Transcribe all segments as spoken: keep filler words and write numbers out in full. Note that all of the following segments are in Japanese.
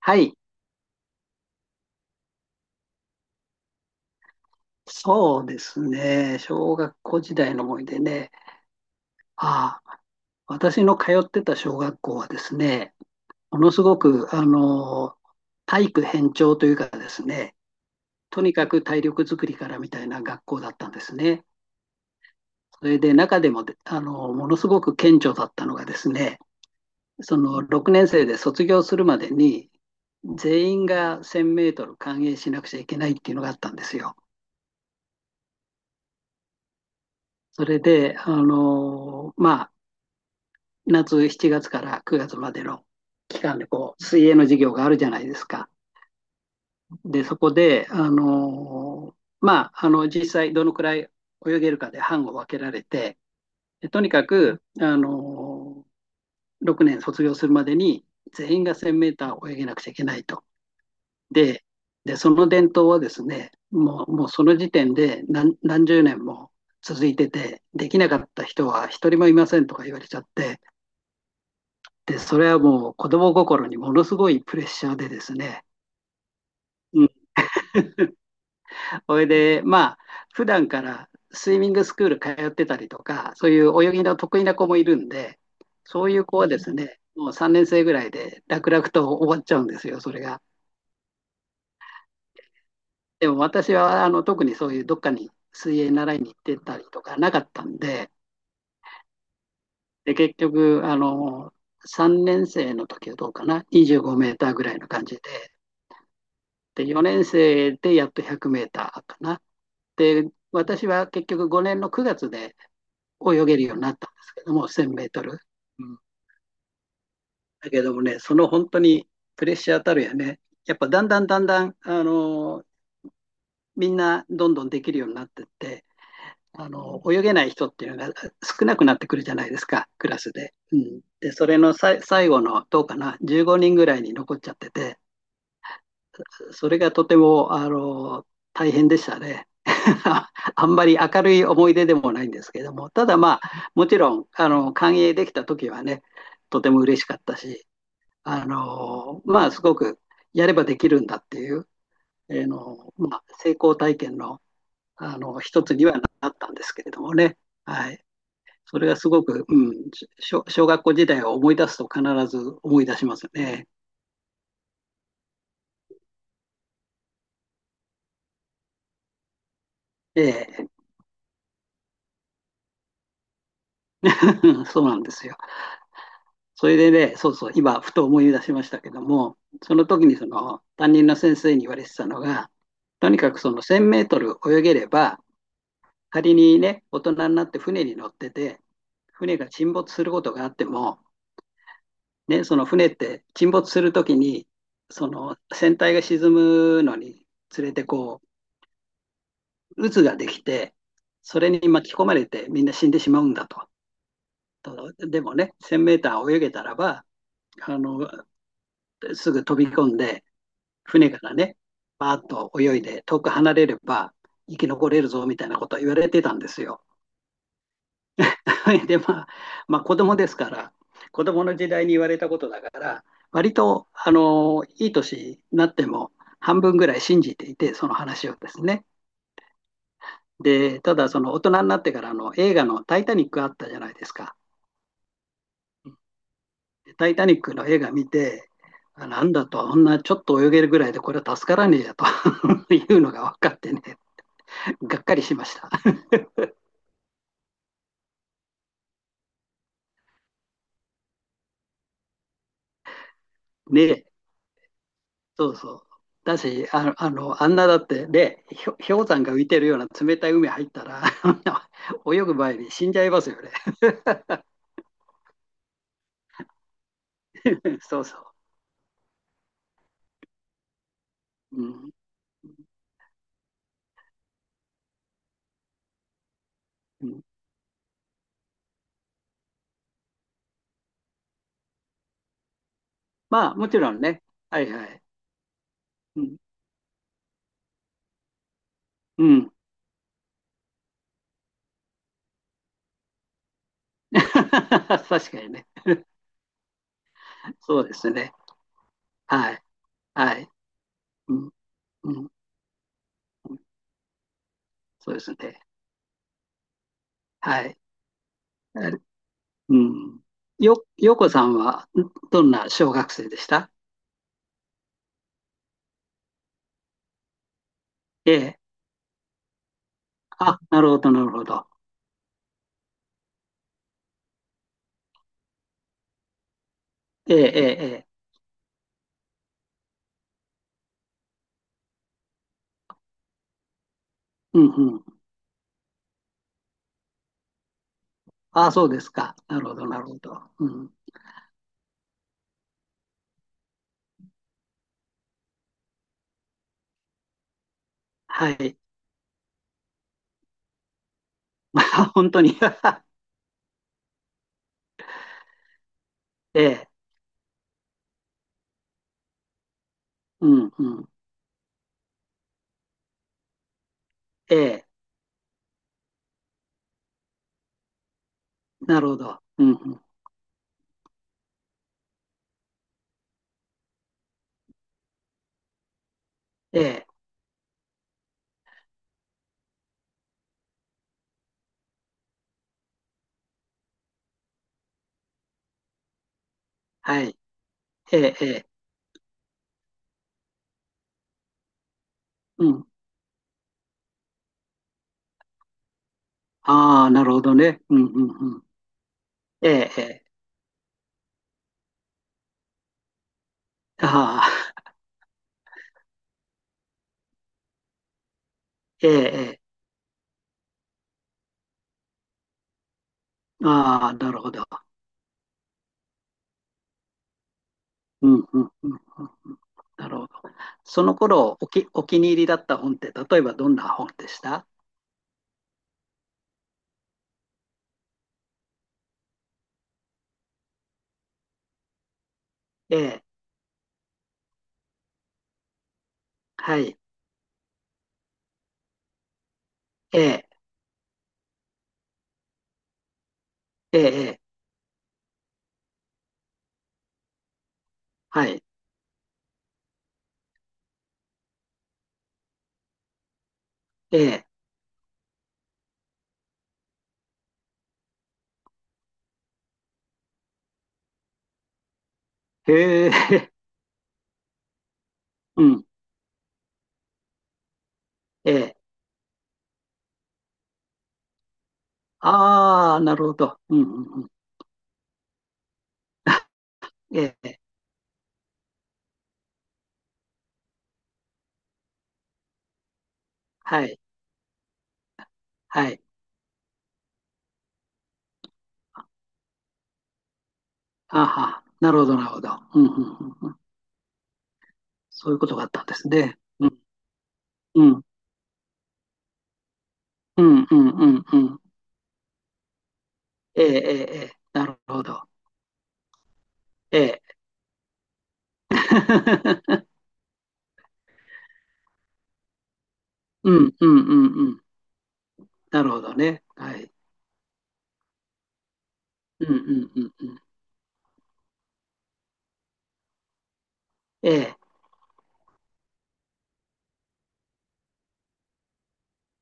はい、そうですね。小学校時代の思い出ね。ああ、私の通ってた小学校はですね、ものすごく、あの、体育偏重というかですね、とにかく体力づくりからみたいな学校だったんですね。それで中でもで、あの、ものすごく顕著だったのがですね、そのろくねん生で卒業するまでに、全員がせんメートル完泳しなくちゃいけないっていうのがあったんですよ。それで、あの、ま夏しちがつからくがつまでの期間でこう水泳の授業があるじゃないですか。で、そこで、あのーまあ、あの実際どのくらい泳げるかで班を分けられて、とにかく、あのーろくねん卒業するまでに全員がせんメーター泳げなくちゃいけないと。で、でその伝統はですね、もうもうその時点で何何十年も続いてて、できなかった人は一人もいませんとか言われちゃって、で、それはもう子供心にものすごいプレッシャーでですね。うん。それで、まあ、普段からスイミングスクール通ってたりとか、そういう泳ぎの得意な子もいるんで、そういう子はですね、もうさんねん生ぐらいで楽々と終わっちゃうんですよ、それが。でも私はあの特にそういうどっかに水泳習いに行ってたりとかなかったんで、で結局あの、さんねん生の時はどうかな、にじゅうごメーターぐらいの感じで、でよねん生でやっとひゃくメーターかな。で、私は結局ごねんのくがつで泳げるようになったんですけども、せんメートル。うん、だけどもね、その本当にプレッシャーたるやね、やっぱだんだんだんだん、あのーみんなどんどんできるようになってって、あのー泳げない人っていうのが少なくなってくるじゃないですか、クラスで。うん、で、それのさ最後のどうかな、じゅうごにんぐらいに残っちゃってて、それがとてもあの大変でしたね。あんまり明るい思い出でもないんですけども、ただまあ、もちろん、あの、歓迎できた時はね、とても嬉しかったし、あの、まあ、すごくやればできるんだっていう、えー、の、まあ、成功体験の、あの、一つにはなったんですけれどもね。はい。それがすごく、うん、小小学校時代を思い出すと必ず思い出しますね。ええ。 そうなんですよ。それでね、そうそう、今、ふと思い出しましたけども、その時にその担任の先生に言われてたのが、とにかくそのせんメートル泳げれば、仮にね、大人になって船に乗ってて、船が沈没することがあっても、ね、その船って沈没するときに、その船体が沈むのにつれてこう渦ができて、それに巻き込まれてみんな死んでしまうんだと。とでもね、せんメーター泳げたらば、あのすぐ飛び込んで、船からね、バーッと泳いで遠く離れれば生き残れるぞみたいなことを言われてたんですよ。で、まあ、まあ、子供ですから、子供の時代に言われたことだから、割と、あの、いい年になっても半分ぐらい信じていて、その話をですね。で、ただ、その大人になってからの映画のタイタニックあったじゃないですか。でタイタニックの映画見て、あなんだと、あんなちょっと泳げるぐらいでこれは助からねえやと いうのが分かってね、がっかりしました。で、そうそう。だし、あの、あの、あんなだって、で、ひょ氷山が浮いてるような冷たい海入ったら、あんな泳ぐ前に死んじゃいますよね。そうそう。うん。うん、まあ、もちろんね。はいはい。うん。うん。確かにね。そうですね。はい。はい。うん。うん。そうですね。はい。あれ、うん。よ、よこさんは、んどんな小学生でした？ええ。あ、なるほど、なるほど。ええ、ええ、ええ。うん、うん。ああ、そうですか。なるほど、なるほど。うん。はい。まあ、本当に。 ええ、うん、うん。ええ、なるほど。うん、うん。ええ、はい。ええ、ええ、うん。ああ、なるほどね。うん、うん、うん。ええ、ええ、ああ。ええ、ええ、ああ、なるほど。うん、うん、うん、うんうん。なるほど。その頃、おき、お気に入りだった本って、例えばどんな本でした？ええ、はい。ええ、ええ、ええ。はい。ええ、へえ。うん。ええ。ああ、なるほど。うんうんうん。ええ、はい、はい。ああは、なるほど、なるほど。うんうんうんうん。そういうことがあったんですね。うん、うん、うん、うん、うんうん。ええ、ええ、ええ。なるほど。ええ。うん、うん、うん、うん。なるほどね。はい。うん、うん、うん、うん。ええ、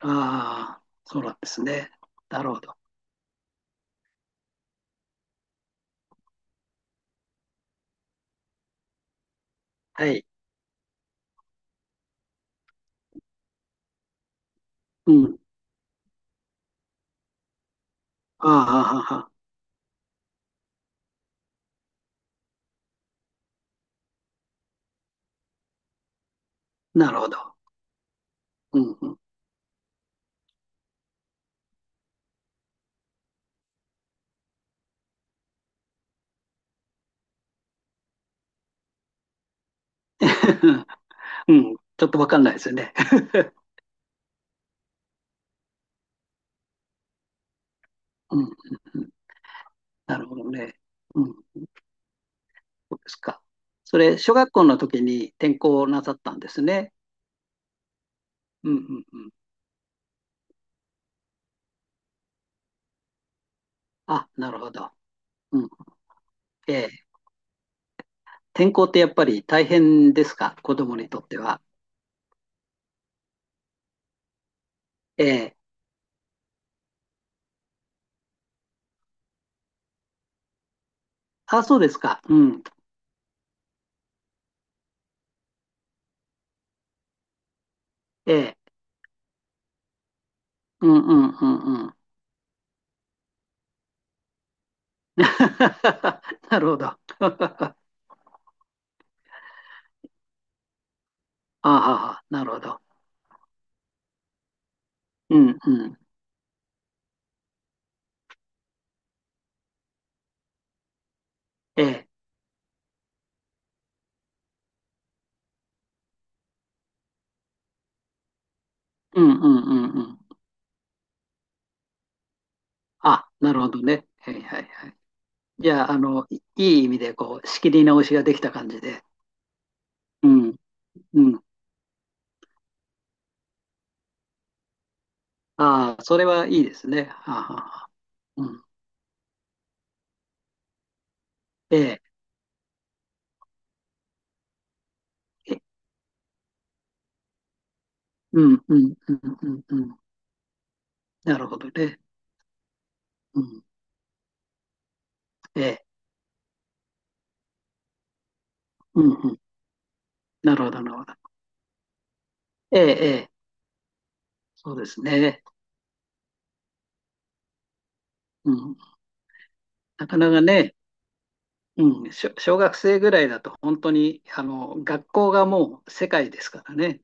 ああ、そうなんですね。なるほど。はい。うん。ああ、はあ、はあ。なるほど。うん、うん。うん、ちょっとわかんないですよね。うん、うんうん。なるほどね。うん、そうですか。それ、小学校の時に転校なさったんですね。うん、うん、うん。あ、なるほど。うん。ええ、転校ってやっぱり大変ですか、子供にとっては。ええ、あ、そうですか。うん。ええ、うん、うん、うん、うん。なるほど。ああ、なるほど。うん、うん。ええ、うん、うん、うん、うん。あ、なるほどね。はい、はい、はい。じゃあ、あの、いいい意味で、こう、仕切り直しができた感じで。うん、うん。ああ、それはいいですね。はあはあはあ。うん、ええ、えうん、うん、うん、うん、うん。なるほどね。うん、ええ、うん、うん。なるほど、なるほど。ええ、ええ、そうですね。うん、なかなかね、うん、しょ小学生ぐらいだと本当に、あの、学校がもう世界ですからね。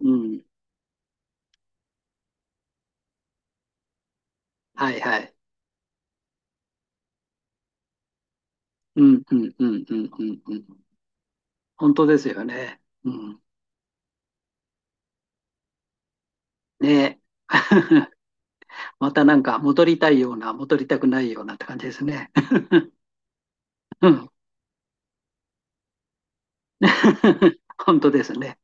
うん、はいはい。うん、うん、うん、うん、うん。うん。本当ですよね。うん、ねえ。またなんか戻りたいような、戻りたくないようなって感じですね。うん。 本当ですね。